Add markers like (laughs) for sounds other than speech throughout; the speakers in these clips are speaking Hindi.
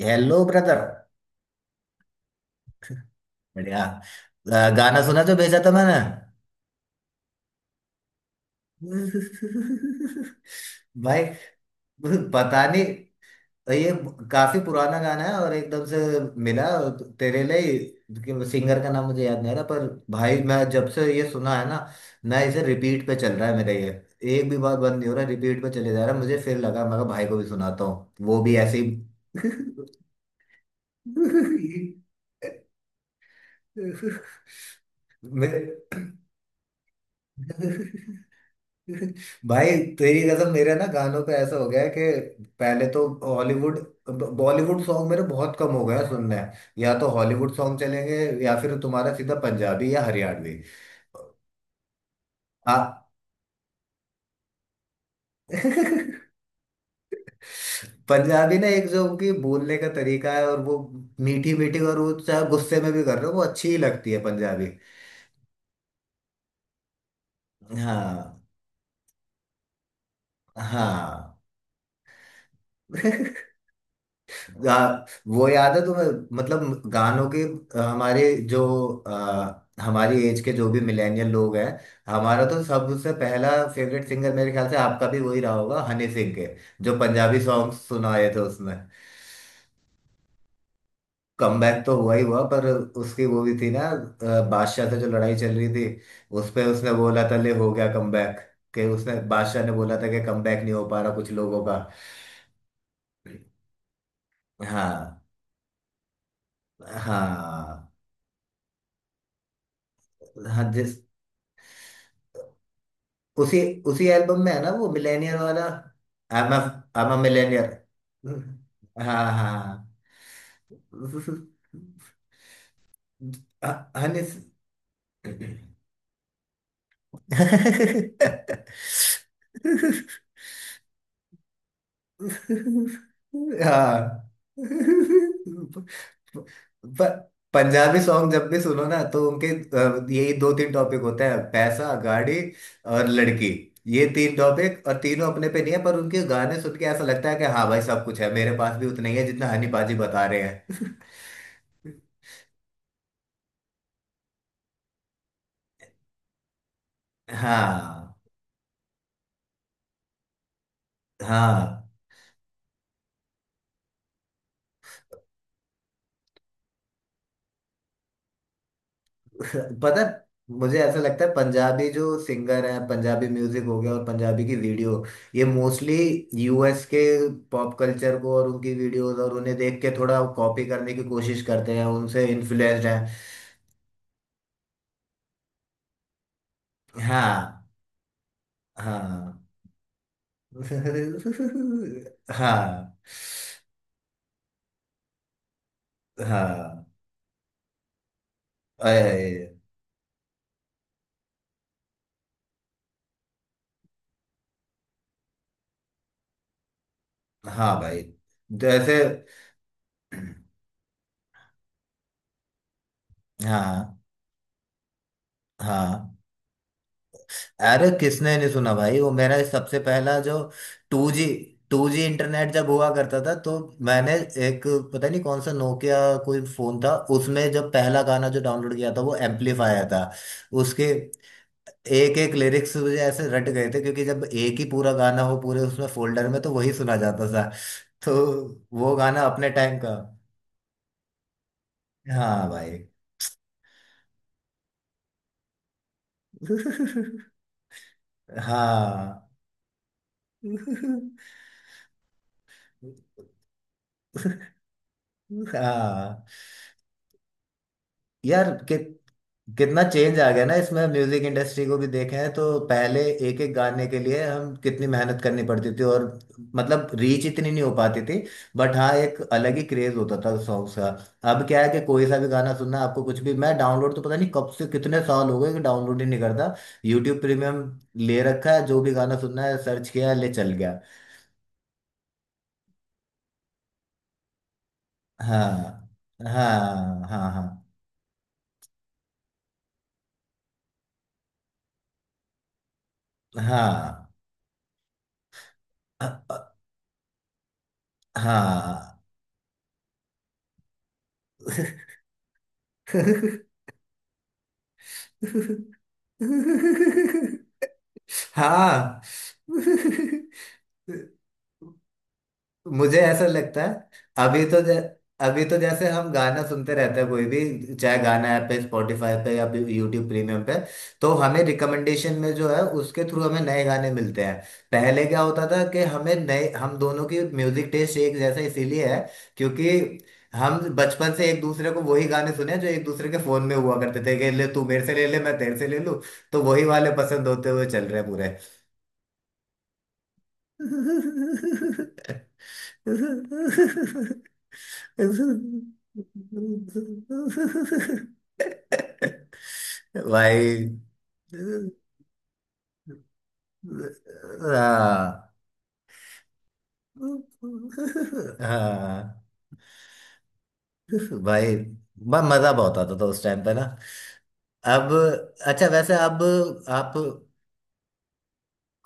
Hello brother. बढ़िया। गाना सुना जो भेजा था मैंने। भाई, पता नहीं। ये काफी पुराना गाना है और एकदम से मिला। तेरे लिए सिंगर का नाम मुझे याद नहीं आ रहा, पर भाई मैं जब से ये सुना है ना, मैं इसे रिपीट पे चल रहा है मेरा, ये एक भी बार बंद नहीं हो रहा, रिपीट पे चले जा रहा है। मुझे फिर लगा, मैं कहा भाई को भी सुनाता हूँ, वो भी ऐसे ही। (laughs) मेरे (laughs) भाई तेरी कसम, मेरे ना गानों पे ऐसा हो गया है कि पहले तो हॉलीवुड बॉलीवुड सॉन्ग मेरे बहुत कम हो गए हैं सुनने। हैं या तो हॉलीवुड सॉन्ग चलेंगे, या फिर तुम्हारा सीधा पंजाबी या हरियाणवी। आ- (laughs) पंजाबी ना, एक जो उनकी बोलने का तरीका है, और वो मीठी मीठी, और वो चाहे गुस्से में भी कर रहे हो वो अच्छी ही लगती है पंजाबी। हाँ, हाँ। (laughs) गा, वो याद है तुम्हें? मतलब गानों के, हमारे जो हमारी एज के जो भी मिलेनियल लोग हैं, हमारा तो सबसे पहला फेवरेट सिंगर, मेरे ख्याल से आपका भी वही रहा होगा, हनी सिंह के जो पंजाबी सॉन्ग सुनाए थे उसमें। कमबैक तो हुआ ही हुआ, पर उसकी वो भी थी ना, बादशाह से जो लड़ाई चल रही थी। उस पे उसने बोला था, ले हो गया कमबैक। के उसने बादशाह ने बोला था कि कमबैक नहीं हो पा रहा कुछ लोगों का। हाँ, हाँ। हाँ, जिस उसी उसी एल्बम में है ना वो मिलेनियर वाला? I am millionaire. हाँ, हाँ। अ- हनी- (laughs) हाँ। पर पंजाबी सॉन्ग जब भी सुनो ना, तो उनके यही दो तीन टॉपिक होते हैं: पैसा, गाड़ी और लड़की। ये तीन टॉपिक, और तीनों अपने पे नहीं है, पर उनके गाने सुन के ऐसा लगता है कि हाँ भाई, सब कुछ है मेरे पास, भी उतना ही है जितना हनी पाजी बता रहे हैं। (laughs) हाँ, हाँ। तो पता है, मुझे ऐसा लगता है, पंजाबी जो सिंगर है, पंजाबी म्यूजिक हो गया और पंजाबी की वीडियो, ये मोस्टली यूएस के पॉप कल्चर को और उनकी वीडियोस और उन्हें देख के थोड़ा कॉपी करने की कोशिश करते हैं, उनसे इन्फ्लुएंस्ड हैं। हाँ, हाँ। (laughs) हाँ, हाँ। अरे हाँ भाई, जैसे। हाँ, हाँ। अरे किसने नहीं सुना भाई, वो मेरा सबसे पहला जो two G two G internet जब हुआ करता था, तो मैंने एक, पता नहीं कौन सा नोकिया, कोई फोन था, उसमें जब पहला गाना जो डाउनलोड किया था वो एम्पलीफायर था। उसके एक एक लिरिक्स मुझे ऐसे रट गए थे, क्योंकि जब एक ही पूरा गाना हो पूरे उसमें फोल्डर में, तो वही सुना जाता था। तो वो गाना अपने टाइम का। हाँ भाई। (laughs) हाँ। (laughs) हाँ यार, कितना चेंज आ गया ना इसमें। म्यूजिक इंडस्ट्री को भी देखें तो पहले एक एक गाने के लिए हम कितनी मेहनत करनी पड़ती थी, और मतलब रीच इतनी नहीं हो पाती थी, बट हाँ एक अलग ही क्रेज होता था सॉन्ग्स का। अब क्या है कि कोई सा भी गाना सुनना है आपको, कुछ भी, मैं डाउनलोड तो पता नहीं कब से, कितने साल हो गए कि डाउनलोड ही नहीं करता। यूट्यूब प्रीमियम ले रखा है, जो भी गाना सुनना है सर्च किया, ले चल गया। हाँ, हाँ। हाँ, हाँ। हाँ, हाँ। (laughs) हाँ। (laughs) हाँ। (laughs) मुझे ऐसा लगता है, अभी तो अभी तो जैसे हम गाना सुनते रहते हैं, कोई भी, चाहे गाना ऐप पे, स्पॉटिफाई पे या यूट्यूब प्रीमियम पे, तो हमें रिकमेंडेशन में जो है उसके थ्रू हमें नए गाने मिलते हैं। पहले क्या होता था कि हमें नए, हम दोनों की म्यूजिक टेस्ट एक जैसा इसीलिए है क्योंकि हम बचपन से एक दूसरे को वही गाने सुने हैं जो एक दूसरे के फोन में हुआ करते थे कि ले तू मेरे से ले ले, मैं तेरे से ले लूं। तो वही वाले पसंद होते हुए चल रहे हैं पूरे। (laughs) भाई। हाँ, हाँ भाई। मजा बहुत आता था उस टाइम पे ना। अब, अच्छा वैसे अब आप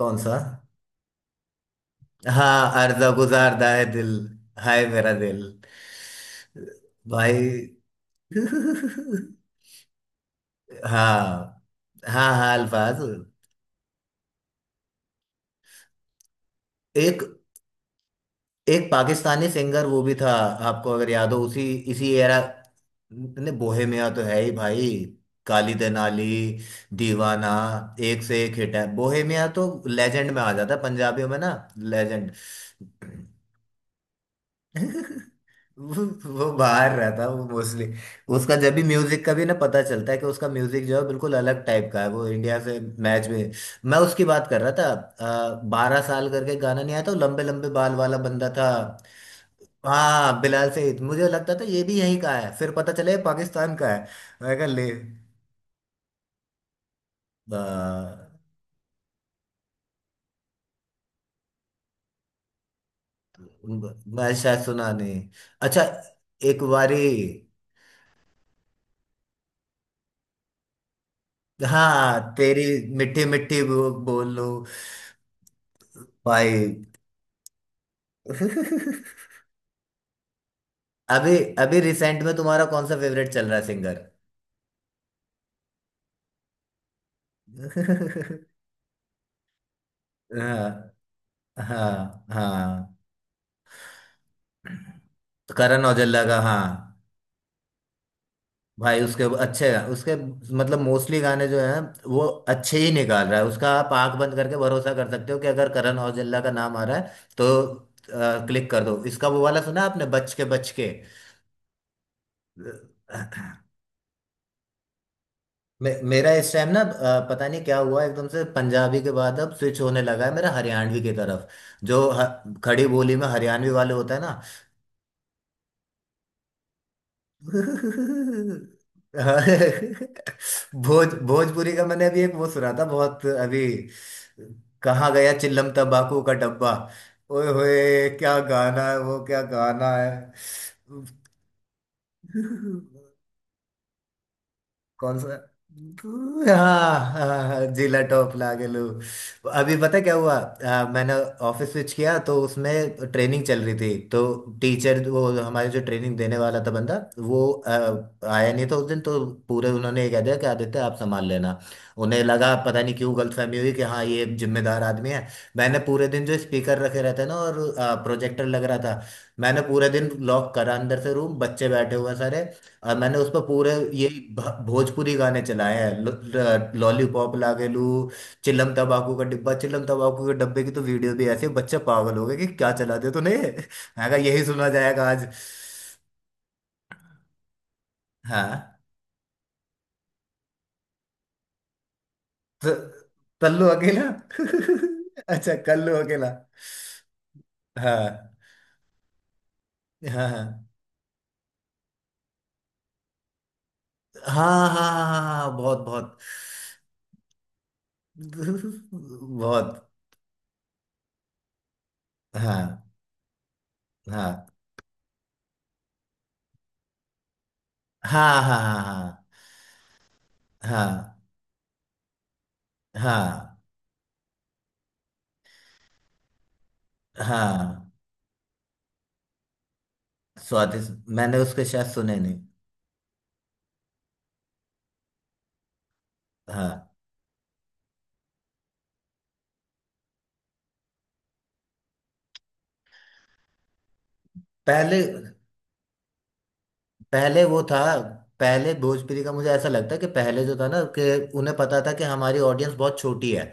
कौन सा? हाँ, अर्जा गुजारदा है दिल, हाय मेरा दिल। भाई। (laughs) हाँ, हाँ। हाँ, अल्फाज। एक एक पाकिस्तानी सिंगर वो भी था, आपको अगर याद हो, उसी इसी एरा ने। बोहेमिया तो है ही भाई, काली देनाली, दीवाना, एक से एक हिट है। बोहेमिया तो लेजेंड में आ जाता है पंजाबियों में ना। लेजेंड। (laughs) वो वो बाहर रहता है वो मोस्टली। उसका जब भी म्यूजिक का भी ना पता चलता है, कि उसका म्यूजिक जो है बिल्कुल अलग टाइप का है वो इंडिया से मैच में। मैं उसकी बात कर रहा था, 12 साल करके गाना नहीं आया था, वो लंबे लंबे बाल वाला बंदा था। हाँ, बिलाल सईद, मुझे लगता था ये भी यहीं का है, फिर पता चला ये पाकिस्तान का है। मैं कहा ले। आ, मैं शायद सुना नहीं। अच्छा, एक बारी। हाँ, तेरी मिट्टी मिट्टी बोल लो। भाई। (laughs) अभी, अभी रिसेंट में तुम्हारा कौन सा फेवरेट चल रहा है सिंगर? (laughs) हाँ, हाँ। हाँ, तो करण औजला का, हाँ भाई। उसके अच्छे उसके मतलब मोस्टली गाने जो हैं, वो अच्छे ही निकाल रहा है। उसका आप आंख बंद करके भरोसा कर सकते हो कि अगर करण औजला का नाम आ रहा है, तो क्लिक कर दो। इसका वो वाला सुना आपने, बच के बच के? मेरा इस टाइम ना, पता नहीं क्या हुआ, एकदम से पंजाबी के बाद अब स्विच होने लगा है मेरा हरियाणवी की तरफ, जो खड़ी बोली में हरियाणवी वाले होता है ना। (laughs) भोजपुरी का मैंने अभी एक वो सुना था बहुत अभी, कहाँ गया चिल्लम तंबाकू का डब्बा। ओए होए, क्या गाना है वो, क्या गाना है। (laughs) कौन सा? हाँ, हाँ, जिला टॉप लागलू। अभी पता क्या हुआ, मैंने ऑफिस स्विच किया, तो उसमें ट्रेनिंग चल रही थी, तो टीचर वो हमारे जो ट्रेनिंग देने वाला था बंदा वो, आया नहीं था उस दिन, तो पूरे उन्होंने ये कह दिया कि आदित्य आप संभाल लेना। उन्हें लगा पता नहीं क्यों, गलतफहमी हुई कि हाँ ये जिम्मेदार आदमी है। मैंने पूरे दिन, जो स्पीकर रखे रहते हैं ना, और प्रोजेक्टर लग रहा था, मैंने पूरे दिन लॉक करा अंदर से रूम, बच्चे बैठे हुए हैं सारे, और मैंने उस पर पूरे ये भोजपुरी गाने चलाए हैं। लॉलीपॉप लागे लू, चिलम तंबाकू का डिब्बा, चिलम तंबाकू के डब्बे की तो वीडियो भी, ऐसे बच्चे पागल हो गए कि क्या चला दिया तूने, मैं कहा यही सुना जाएगा आज। हाँ, तो कल्लू अकेला। (laughs) अच्छा, कल्लू अकेला। हाँ, हाँ, हाँ, हाँ, हाँ, हाँ, हाँ, हाँ, हाँ, बहुत बहुत। (laughs) बहुत। हाँ, हाँ, हाँ, हाँ, हाँ, हाँ, हाँ, हाँ, हाँ, स्वादिष्ट। मैंने उसके शायद सुने नहीं। हाँ। पहले, पहले वो था, पहले भोजपुरी का मुझे ऐसा लगता है कि पहले जो था ना, कि उन्हें पता था कि हमारी ऑडियंस बहुत छोटी है,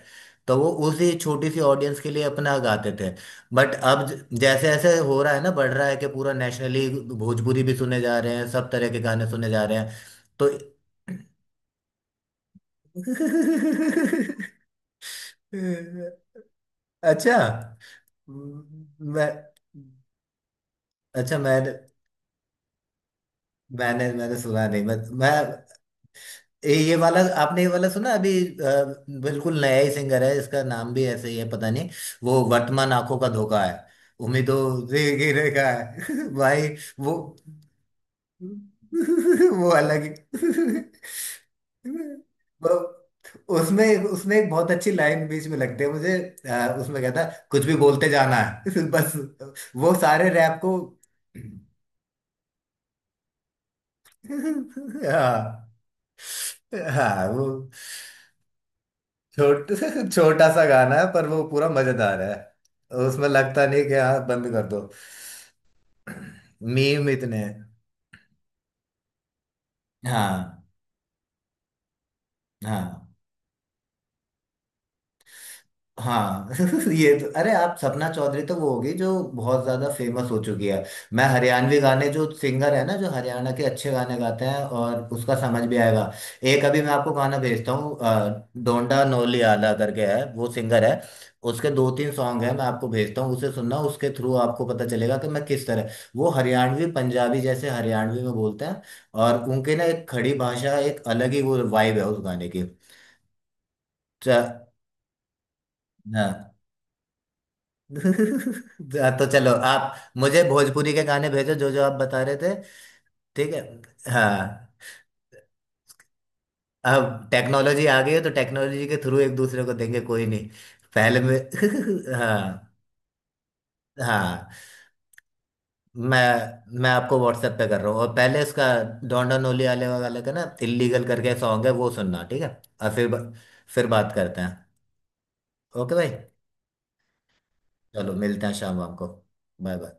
तो वो उसी छोटी सी ऑडियंस के लिए अपना गाते थे। बट अब जैसे ऐसे हो रहा है ना, बढ़ रहा है, कि पूरा नेशनली भोजपुरी भी सुने जा रहे हैं, सब तरह के गाने सुने जा रहे हैं, तो। (laughs) अच्छा मैं अच्छा मैं मैंने मैंने सुना नहीं, मैं ये वाला आपने ये वाला सुना अभी? अ, बिल्कुल नया ही सिंगर है, इसका नाम भी ऐसे ही है, पता नहीं। वो वर्तमान आंखों का धोखा है, उम्मीदों से गिरे का है। (laughs) भाई वो। (laughs) वो अलग ही। (laughs) वो उसमें उसमें एक बहुत अच्छी लाइन बीच में लगती है मुझे, उसमें कहता है, कुछ भी बोलते जाना है। (laughs) बस, वो सारे रैप को। (laughs) हाँ, हाँ। वो छोट (laughs) छोटा सा गाना है, पर वो पूरा मजेदार है। उसमें लगता नहीं कि हाँ बंद कर दो। (clears throat) मीम इतने हैं। हाँ, हाँ, हाँ। (laughs) ये तो, अरे आप सपना चौधरी, तो वो होगी जो बहुत ज्यादा फेमस हो चुकी है। मैं हरियाणवी गाने जो सिंगर है ना, जो हरियाणा के अच्छे गाने गाते हैं, और उसका समझ भी आएगा। एक अभी मैं आपको गाना भेजता हूँ, डोंडा नोली आला करके है वो सिंगर। है, उसके दो तीन सॉन्ग है, मैं आपको भेजता हूँ, उसे सुनना, उसके थ्रू आपको पता चलेगा कि मैं किस तरह, वो हरियाणवी पंजाबी जैसे हरियाणवी में बोलते हैं, और उनके ना एक खड़ी भाषा, एक अलग ही वो वाइब है उस गाने की। च- हाँ। (laughs) तो चलो, आप मुझे भोजपुरी के गाने भेजो जो जो आप बता रहे थे। ठीक है। हाँ, अब टेक्नोलॉजी आ गई है, तो टेक्नोलॉजी के थ्रू एक दूसरे को देंगे, कोई नहीं। पहले मैं। (laughs) हाँ, हाँ। मैं मैं आपको व्हाट्सएप पे कर रहा हूँ, और पहले इसका, डोंडा नोली आले वाले का ना, इल्लीगल करके सॉन्ग है, वो सुनना ठीक है, और फिर फिर बात करते हैं। ओके भाई। चलो मिलते हैं शाम वाम को। Bye bye.